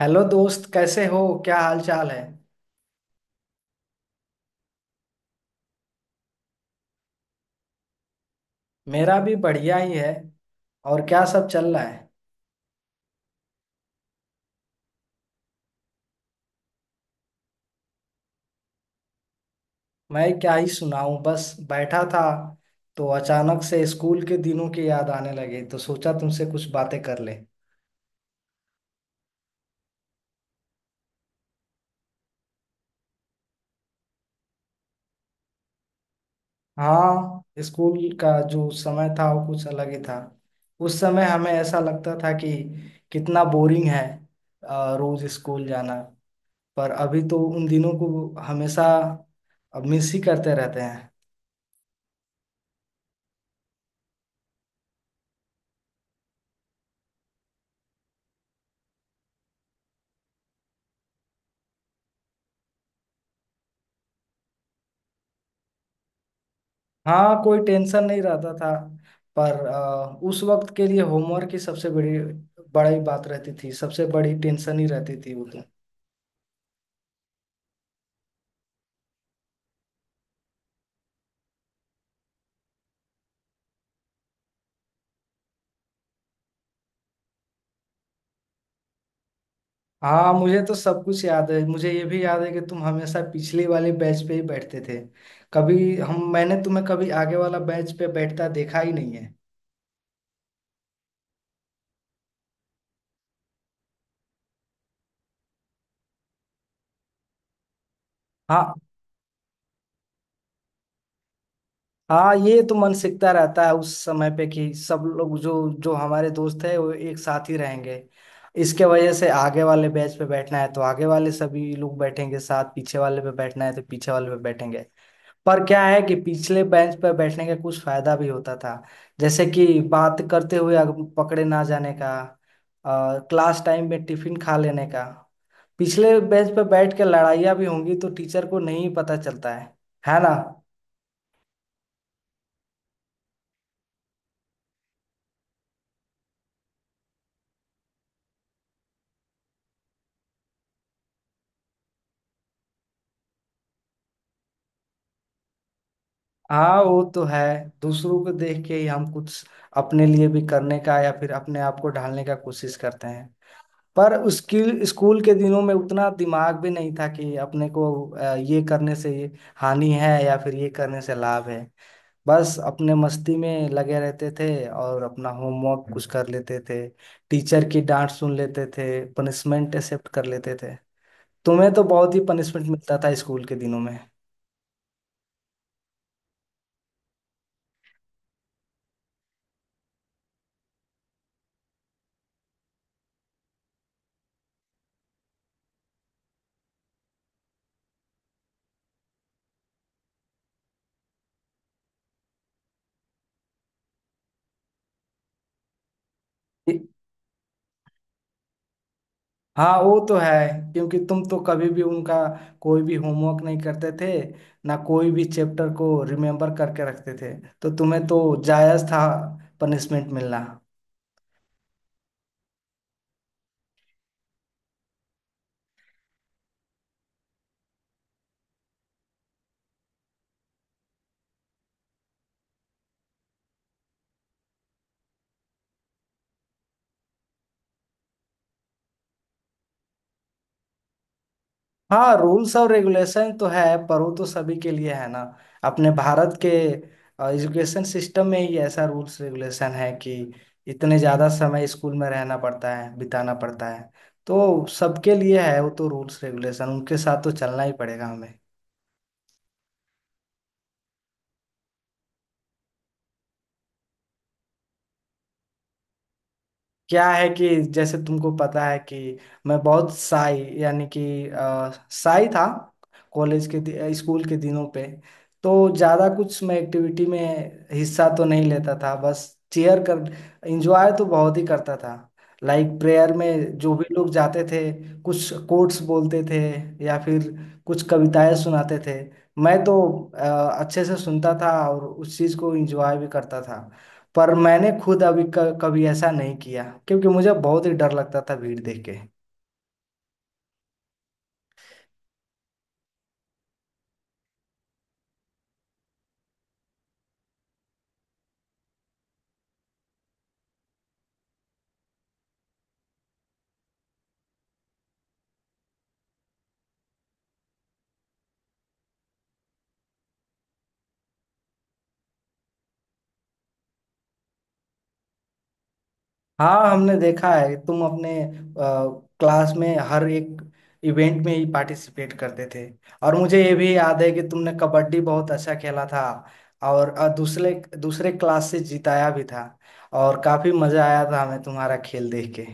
Hello दोस्त, कैसे हो? क्या हाल चाल है? मेरा भी बढ़िया ही है। और क्या सब चल रहा है? मैं क्या ही सुनाऊं, बस बैठा था तो अचानक से स्कूल के दिनों की याद आने लगे, तो सोचा तुमसे कुछ बातें कर ले। हाँ, स्कूल का जो समय था वो कुछ अलग ही था। उस समय हमें ऐसा लगता था कि कितना बोरिंग है रोज स्कूल जाना। पर अभी तो उन दिनों को हमेशा मिस ही करते रहते हैं। हाँ, कोई टेंशन नहीं रहता था। पर उस वक्त के लिए होमवर्क की सबसे बड़ी बड़ी बात रहती थी, सबसे बड़ी टेंशन ही रहती थी वो तो। हाँ, मुझे तो सब कुछ याद है। मुझे ये भी याद है कि तुम हमेशा पिछली वाले बेंच पे ही बैठते थे। कभी हम मैंने तुम्हें कभी आगे वाला बेंच पे बैठता देखा ही नहीं है। हाँ, हाँ, ये तो मन सीखता रहता है उस समय पे कि सब लोग, जो जो हमारे दोस्त है, वो एक साथ ही रहेंगे। इसके वजह से आगे वाले बैच पे बैठना है तो आगे वाले सभी लोग बैठेंगे साथ, पीछे वाले पे बैठना है तो पीछे वाले पे बैठेंगे। पर क्या है कि पिछले बेंच पे बैठने का कुछ फायदा भी होता था। जैसे कि बात करते हुए अगर पकड़े ना जाने का, क्लास टाइम में टिफिन खा लेने का, पिछले बेंच पे बैठ के लड़ाइयाँ भी होंगी तो टीचर को नहीं पता चलता है ना? हाँ, वो तो है। दूसरों को देख के ही हम कुछ अपने लिए भी करने का या फिर अपने आप को ढालने का कोशिश करते हैं। पर उसकी स्कूल के दिनों में उतना दिमाग भी नहीं था कि अपने को ये करने से ये हानि है या फिर ये करने से लाभ है। बस अपने मस्ती में लगे रहते थे और अपना होमवर्क कुछ कर लेते थे, टीचर की डांट सुन लेते थे, पनिशमेंट एक्सेप्ट कर लेते थे। तुम्हें तो बहुत ही पनिशमेंट मिलता था स्कूल के दिनों में। हाँ, वो तो है। क्योंकि तुम तो कभी भी उनका कोई भी होमवर्क नहीं करते थे, ना कोई भी चैप्टर को रिमेम्बर करके रखते थे। तो तुम्हें तो जायज था पनिशमेंट मिलना। हाँ, रूल्स और रेगुलेशन तो है, पर वो तो सभी के लिए है ना। अपने भारत के एजुकेशन सिस्टम में ही ऐसा रूल्स रेगुलेशन है कि इतने ज़्यादा समय स्कूल में रहना पड़ता है, बिताना पड़ता है। तो सबके लिए है वो तो, रूल्स रेगुलेशन उनके साथ तो चलना ही पड़ेगा हमें। क्या है कि जैसे तुमको पता है कि मैं बहुत साई, यानी कि साई था कॉलेज के स्कूल के दिनों पे। तो ज़्यादा कुछ मैं एक्टिविटी में हिस्सा तो नहीं लेता था, बस चेयर कर एंजॉय तो बहुत ही करता था। लाइक प्रेयर में जो भी लोग जाते थे, कुछ कोट्स बोलते थे या फिर कुछ कविताएं सुनाते थे, मैं तो अ, अच्छे से सुनता था और उस चीज़ को एंजॉय भी करता था। पर मैंने खुद अभी कभी ऐसा नहीं किया, क्योंकि मुझे बहुत ही डर लगता था भीड़ देख के। हाँ, हमने देखा है तुम अपने क्लास में हर एक इवेंट में ही पार्टिसिपेट करते थे। और मुझे ये भी याद है कि तुमने कबड्डी बहुत अच्छा खेला था और दूसरे दूसरे क्लास से जिताया भी था। और काफी मजा आया था हमें तुम्हारा खेल देख के।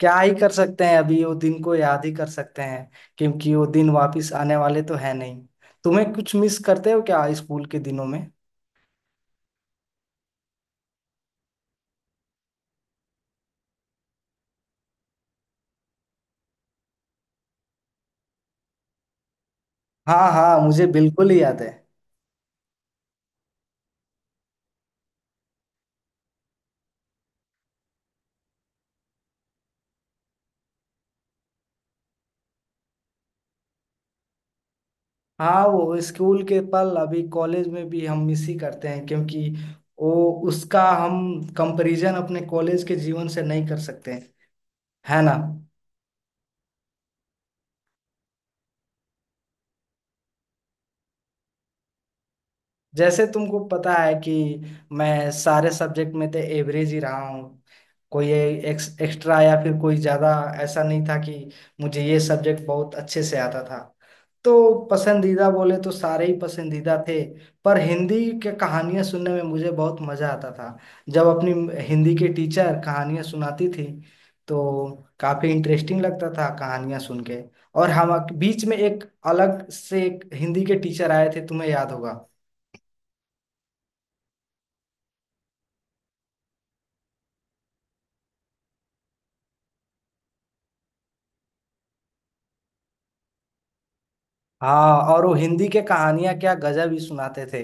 क्या ही कर सकते हैं, अभी वो दिन को याद ही कर सकते हैं, क्योंकि वो दिन वापस आने वाले तो है नहीं। तुम्हें कुछ मिस करते हो क्या स्कूल के दिनों में? हाँ हाँ, मुझे बिल्कुल ही याद है। हाँ, वो स्कूल के पल अभी कॉलेज में भी हम मिस ही करते हैं, क्योंकि वो, उसका हम कंपैरिजन अपने कॉलेज के जीवन से नहीं कर सकते हैं, है ना? जैसे तुमको पता है कि मैं सारे सब्जेक्ट में तो एवरेज ही रहा हूँ। कोई एक्स्ट्रा या फिर कोई ज्यादा ऐसा नहीं था कि मुझे ये सब्जेक्ट बहुत अच्छे से आता था। तो पसंदीदा बोले तो सारे ही पसंदीदा थे। पर हिंदी के कहानियां सुनने में मुझे बहुत मजा आता था। जब अपनी हिंदी के टीचर कहानियां सुनाती थी, तो काफी इंटरेस्टिंग लगता था कहानियां सुन के। और हम बीच में एक, अलग से एक हिंदी के टीचर आए थे, तुम्हें याद होगा। हाँ, और वो हिंदी के कहानियां क्या गजब ही सुनाते थे।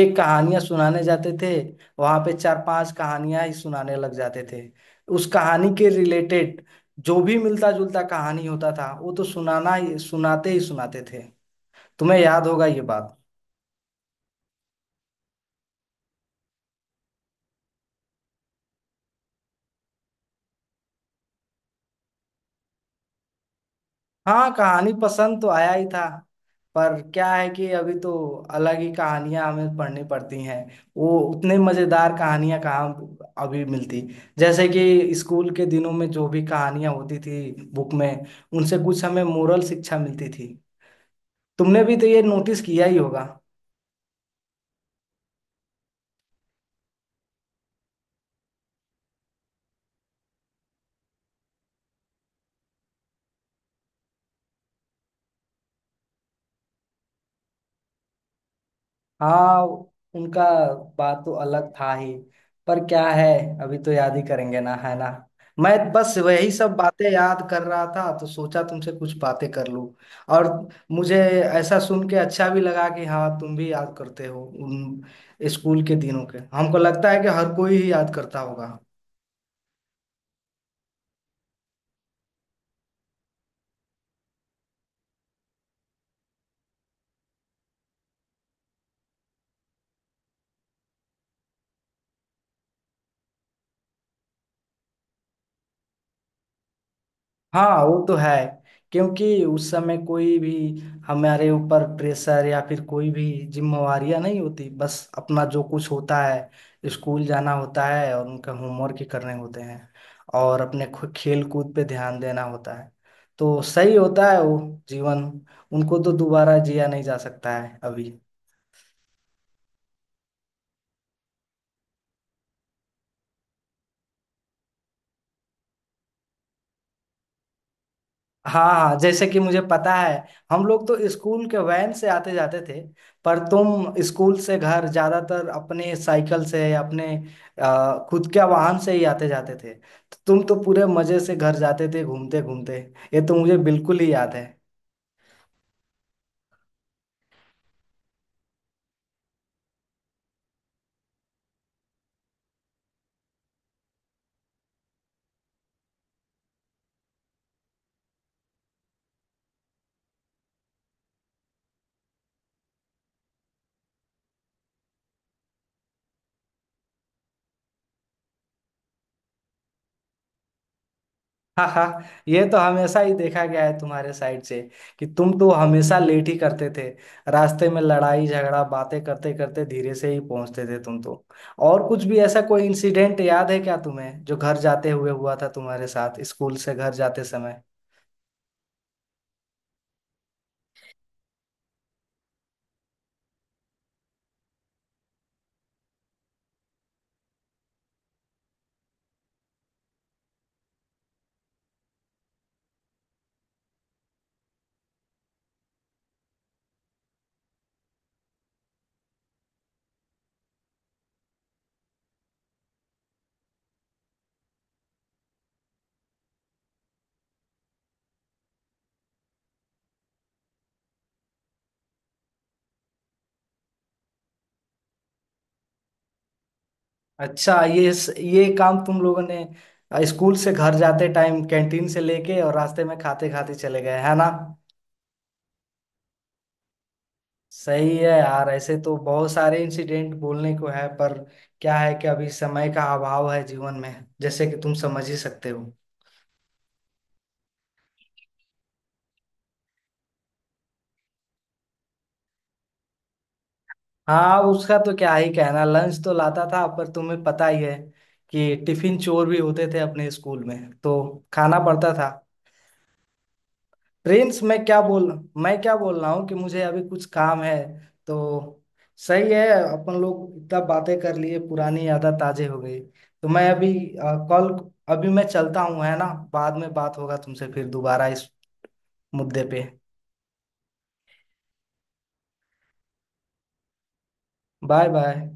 एक कहानियां सुनाने जाते थे, वहां पे चार पांच कहानियां ही सुनाने लग जाते थे। उस कहानी के रिलेटेड जो भी मिलता जुलता कहानी होता था वो तो सुनाना ही, सुनाते ही सुनाते थे। तुम्हें याद होगा ये बात। हाँ, कहानी पसंद तो आया ही था। पर क्या है कि अभी तो अलग ही कहानियां हमें पढ़नी पड़ती हैं। वो उतने मजेदार कहानियां कहाँ अभी मिलती। जैसे कि स्कूल के दिनों में जो भी कहानियां होती थी बुक में, उनसे कुछ हमें मोरल शिक्षा मिलती थी। तुमने भी तो ये नोटिस किया ही होगा। हाँ, उनका बात तो अलग था ही। पर क्या है, अभी तो याद ही करेंगे ना, है ना। मैं बस वही सब बातें याद कर रहा था, तो सोचा तुमसे कुछ बातें कर लूं। और मुझे ऐसा सुन के अच्छा भी लगा कि हाँ, तुम भी याद करते हो उन स्कूल के दिनों के। हमको लगता है कि हर कोई ही याद करता होगा। हाँ, वो तो है। क्योंकि उस समय कोई भी हमारे ऊपर प्रेशर या फिर कोई भी जिम्मेवारियां नहीं होती। बस अपना जो कुछ होता है स्कूल जाना होता है और उनका होमवर्क ही करने होते हैं, और अपने खेल कूद पे ध्यान देना होता है। तो सही होता है वो जीवन, उनको तो दोबारा जिया नहीं जा सकता है अभी। हाँ हाँ, जैसे कि मुझे पता है हम लोग तो स्कूल के वैन से आते जाते थे। पर तुम स्कूल से घर ज्यादातर अपने साइकिल से, अपने खुद के वाहन से ही आते जाते थे, तो तुम तो पूरे मजे से घर जाते थे घूमते घूमते। ये तो मुझे बिल्कुल ही याद है। हाँ हाँ, ये तो हमेशा ही देखा गया है तुम्हारे साइड से कि तुम तो हमेशा लेट ही करते थे। रास्ते में लड़ाई झगड़ा, बातें करते करते धीरे से ही पहुंचते थे तुम तो। और कुछ भी ऐसा कोई इंसिडेंट याद है क्या तुम्हें जो घर जाते हुए हुआ था तुम्हारे साथ, स्कूल से घर जाते समय? अच्छा, ये काम तुम लोगों ने स्कूल से घर जाते टाइम कैंटीन से लेके और रास्ते में खाते खाते चले गए, है ना? सही है यार, ऐसे तो बहुत सारे इंसिडेंट बोलने को है, पर क्या है कि अभी समय का अभाव है जीवन में, जैसे कि तुम समझ ही सकते हो। हाँ, उसका तो क्या ही कहना, लंच तो लाता था पर तुम्हें पता ही है कि टिफिन चोर भी होते थे अपने स्कूल में, तो खाना पड़ता था। प्रिंस मैं क्या बोल रहा हूँ कि मुझे अभी कुछ काम है। तो सही है, अपन लोग इतना बातें कर लिए, पुरानी यादें ताजे हो गई। तो मैं अभी कॉल अभी मैं चलता हूँ, है ना। बाद में बात होगा तुमसे फिर दोबारा इस मुद्दे पे। Bye bye.